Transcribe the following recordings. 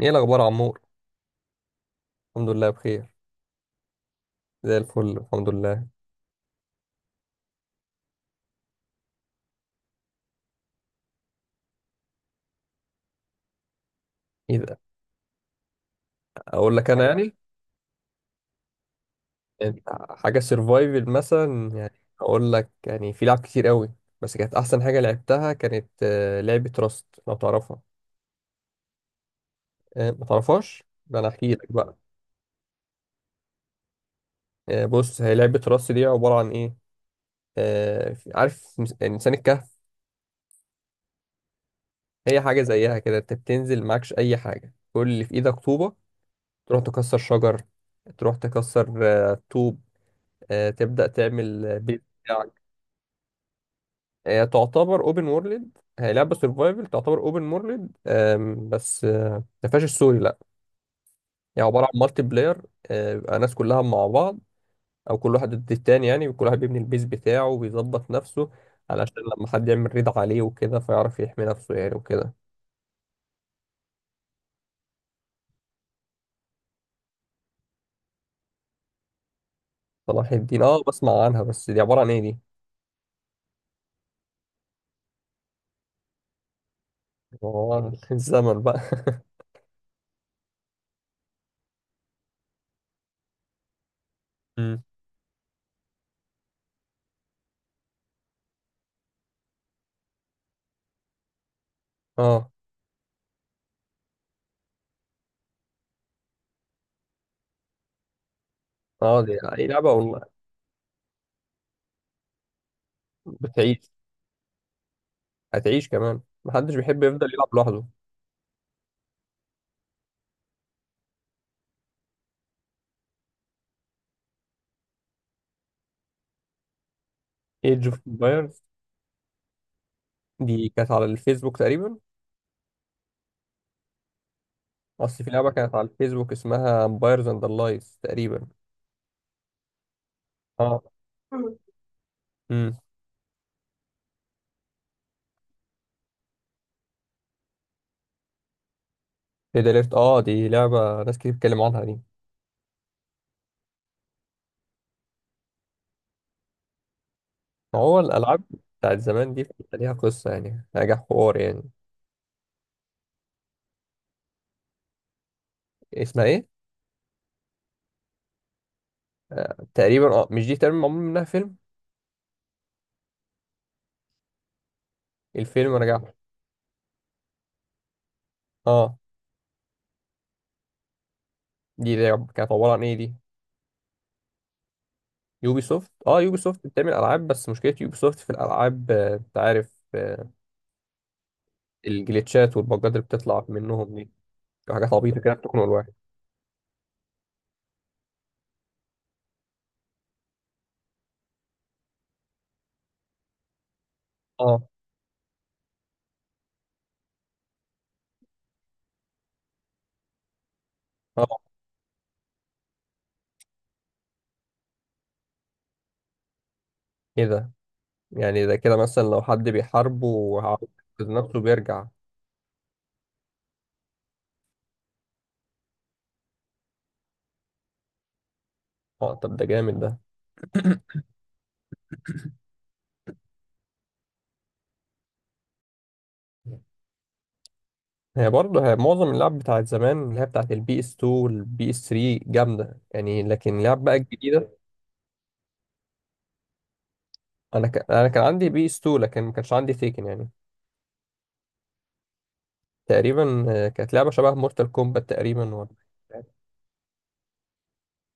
ايه الاخبار يا عمور؟ الحمد لله، بخير. زي الفل، الحمد لله. ايه ده؟ اقول لك، انا يعني، انت حاجه سرفايفل مثلا يعني؟ اقول لك يعني في لعب كتير قوي، بس كانت احسن حاجه لعبتها كانت لعبه راست، لو تعرفها. ما تعرفهاش؟ ده انا احكي لك بقى. بص، هي لعبه راست دي عباره عن ايه. عارف انسان الكهف؟ هي حاجه زيها كده، انت بتنزل معكش اي حاجه، كل اللي في ايدك طوبه. تروح تكسر شجر، تروح تكسر طوب، تبدا تعمل بيت. هي تعتبر اوبن وورلد، هي لعبه سرفايفل تعتبر اوبن وورلد. بس ما فيهاش السوري، لا. يعني عباره عن مالتي بلاير، بيبقى ناس كلها مع بعض او كل واحد ضد التاني، يعني كل واحد بيبني البيز بتاعه وبيظبط نفسه علشان لما حد يعمل ريد عليه وكده فيعرف يحمي نفسه يعني، وكده. صلاح الدين؟ اه، بسمع عنها بس دي عباره عن ايه دي؟ عبارة عن الزمن بقى مم. اه. اه، دي اي لعبه والله. بتعيش، هتعيش كمان، محدش بيحب يفضل يلعب لوحده. ايج اوف؟ دي كانت على الفيسبوك تقريبا. اصل في لعبه كانت على الفيسبوك اسمها امبايرز اند لايز تقريبا. اه. امم. ريد اليرت؟ اه، دي لعبه ناس كتير بتتكلم عنها دي. ما هو الالعاب بتاعت زمان دي بيبقى ليها قصه، يعني نجاح، حوار يعني. اسمها ايه؟ آه. تقريبا، اه، مش دي تقريبا معمول منها فيلم؟ الفيلم نجاح. اه. دي لعبه كانت عباره عن ايه دي؟ يوبي سوفت؟ اه، يوبي سوفت بتعمل العاب، بس مشكله يوبي سوفت في الالعاب، انت عارف الجليتشات والبجات اللي بتطلع منهم دي. حاجات عبيطه كده بتكون الواحد. اه. اه. ايه ده؟ يعني ده كده مثلا لو حد بيحاربه وعاوز ينقذ نفسه بيرجع. اه، طب ده جامد ده. هي برضه هي معظم اللعب بتاعت زمان، اللي هي بتاعت البي اس 2 والبي اس 3، جامده يعني. لكن اللعب بقى الجديده، انا كان عندي بي اس 2 لكن ما كانش عندي تيكن يعني. تقريبا كانت لعبه شبه مورتال كومبات تقريبا، ولا؟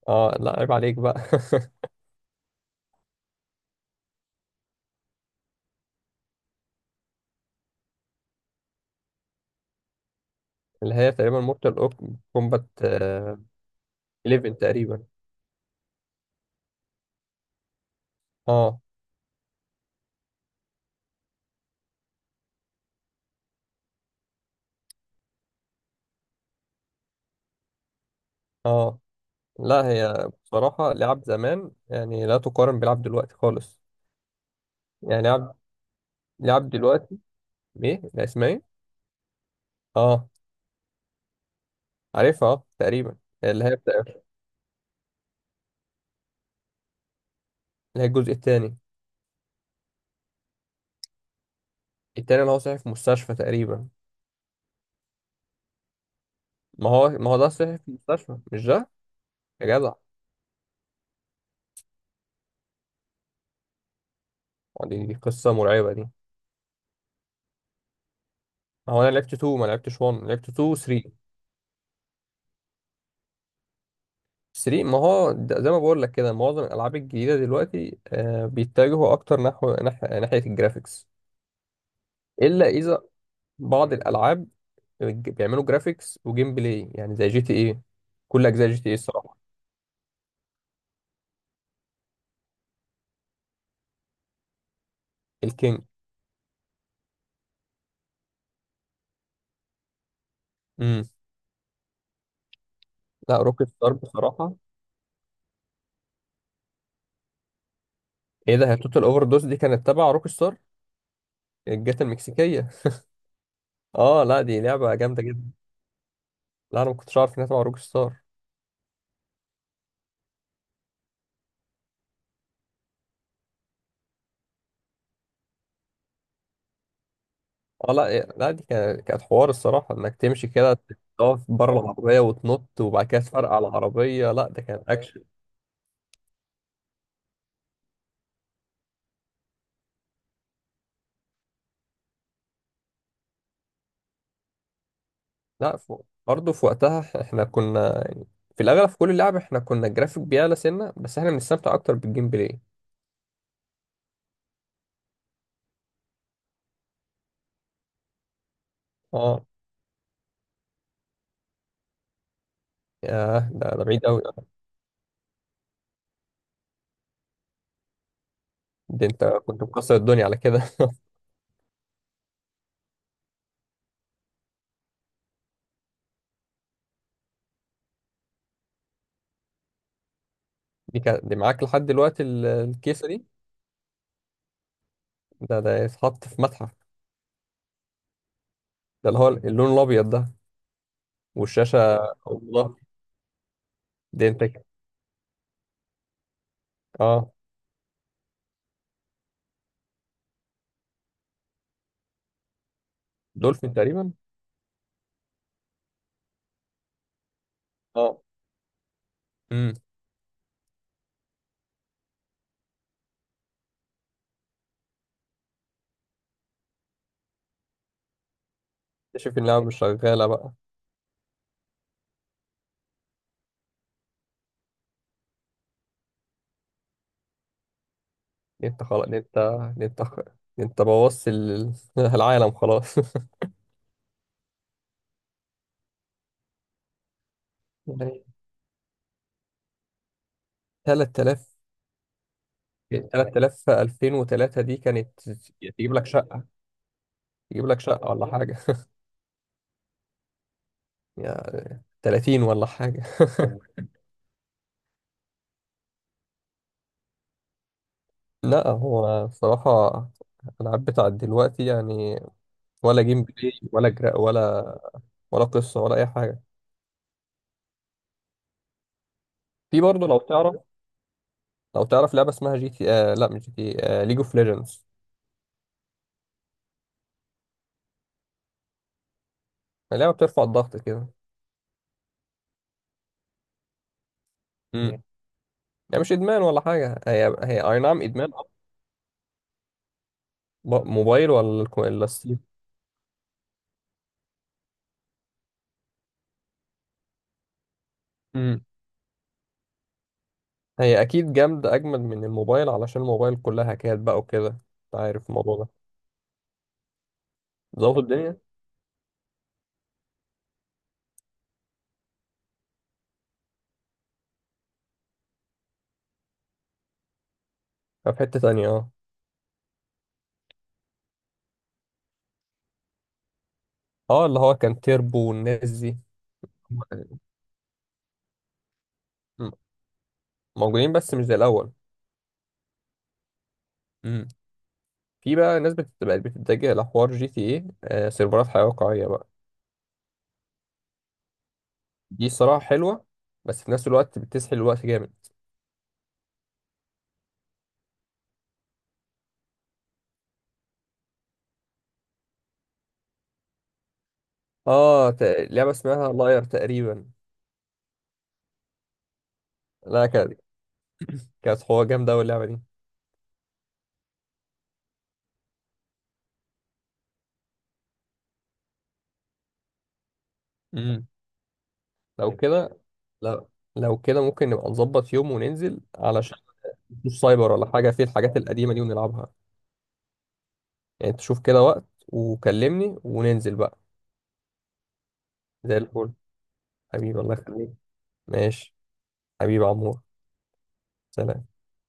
اه، لا عيب عليك بقى اللي هي تقريبا مورتال كومبات 11 تقريبا. اه. اه، لا هي بصراحة لعب زمان، يعني لا تقارن بلعب دلوقتي خالص. يعني لعب، لعب دلوقتي. ايه، لا اسمها ايه؟ اه. عارفها، اه تقريبا. اللي هي بتاع، اللي هي الجزء التاني؟ التاني اللي هو صحي في مستشفى تقريبا. ما هو ده صحي في مستشفى، مش ده؟ يا جدع! ما دي, قصة مرعبة دي. ما هو انا لعبت 2، ما لعبتش 1، لعبت 2 و 3. 3، ما هو ده زي ما بقول لك كده، معظم الالعاب الجديدة دلوقتي بيتجهوا اكتر نحو ناحية الجرافيكس. الا اذا بعض الالعاب بيعملوا جرافيكس وجيم بلاي، يعني زي جي تي ايه. كل اجزاء جي تي ايه الصراحه. الكينج. امم. لا، روك ستار بصراحه. ايه ده؟ هي توتال اوفر دوز دي كانت تبع روك ستار؟ الجات المكسيكيه! اه، لا دي لعبه جامده جدا. لا، انا ما كنتش عارف انها تبع روك ستار. اه، لا إيه، لا دي كانت حوار الصراحه، انك تمشي كده، تقف بره العربيه وتنط وبعد كده تفرقع العربيه. لا ده كان اكشن. لا ف- برضه في وقتها احنا كنا يعني، في الاغلب في كل لعبه احنا كنا الجرافيك بيعلى سنه، بس احنا بنستمتع اكتر بالجيم بلاي. اه. ياه، ده بعيد قوي. ده انت كنت مكسر الدنيا على كده دي كان دي معاك لحد دلوقتي، الكيسه دي؟ ده يتحط في متحف. ده اللي هو اللون الابيض ده؟ والشاشه؟ الله. دي انت. اه. دولفين تقريبا. اه. امم. اكتشف اللعبه مش شغاله بقى. دي انت خلاص. دي انت خ- دي انت بوظت العالم خلاص يعني 3000. 3000، 2003 دي كانت تجيب لك شقة، تجيب لك شقة ولا حاجة يا 30 ولا حاجة لا، هو بصراحة الألعاب بتاعت دلوقتي يعني، ولا جيم بلاي ولا جرا ولا، ولا قصة ولا أي حاجة. في برضه لو تعرف، لو تعرف لعبة اسمها جي تي لا مش جي تي، ليج اوف ليجندز. لعبة بترفع الضغط كده. امم. يعني مش إدمان ولا حاجة، هي أي نعم إدمان. موبايل ولا ولا ستيم؟ هي اكيد جامدة، اجمل من الموبايل، علشان الموبايل كلها هكات بقى وكده، انت عارف الموضوع ده. ظبط الدنيا. في حتة تانية اه. اه، اللي هو كان تيربو والناس دي. م- موجودين بس مش زي الاول. امم. في بقى ناس بقت بتتجه لحوار جي تي ايه، سيرفرات حياة واقعية بقى. دي الصراحة حلوة، بس في نفس الوقت بتسحل الوقت جامد. اه. لعبة اسمها لاير تقريبا. لا، كانت، كانت حوار جامدة أوي اللعبة دي. امم. لو كده، لو لو كده ممكن نبقى نظبط يوم وننزل، علشان مش سايبر ولا حاجة، في الحاجات القديمة دي ونلعبها. يعني تشوف كده وقت وكلمني وننزل بقى. زي الفل. حبيبي الله يخليك. ماشي. حبيبي يا عمور. سلام.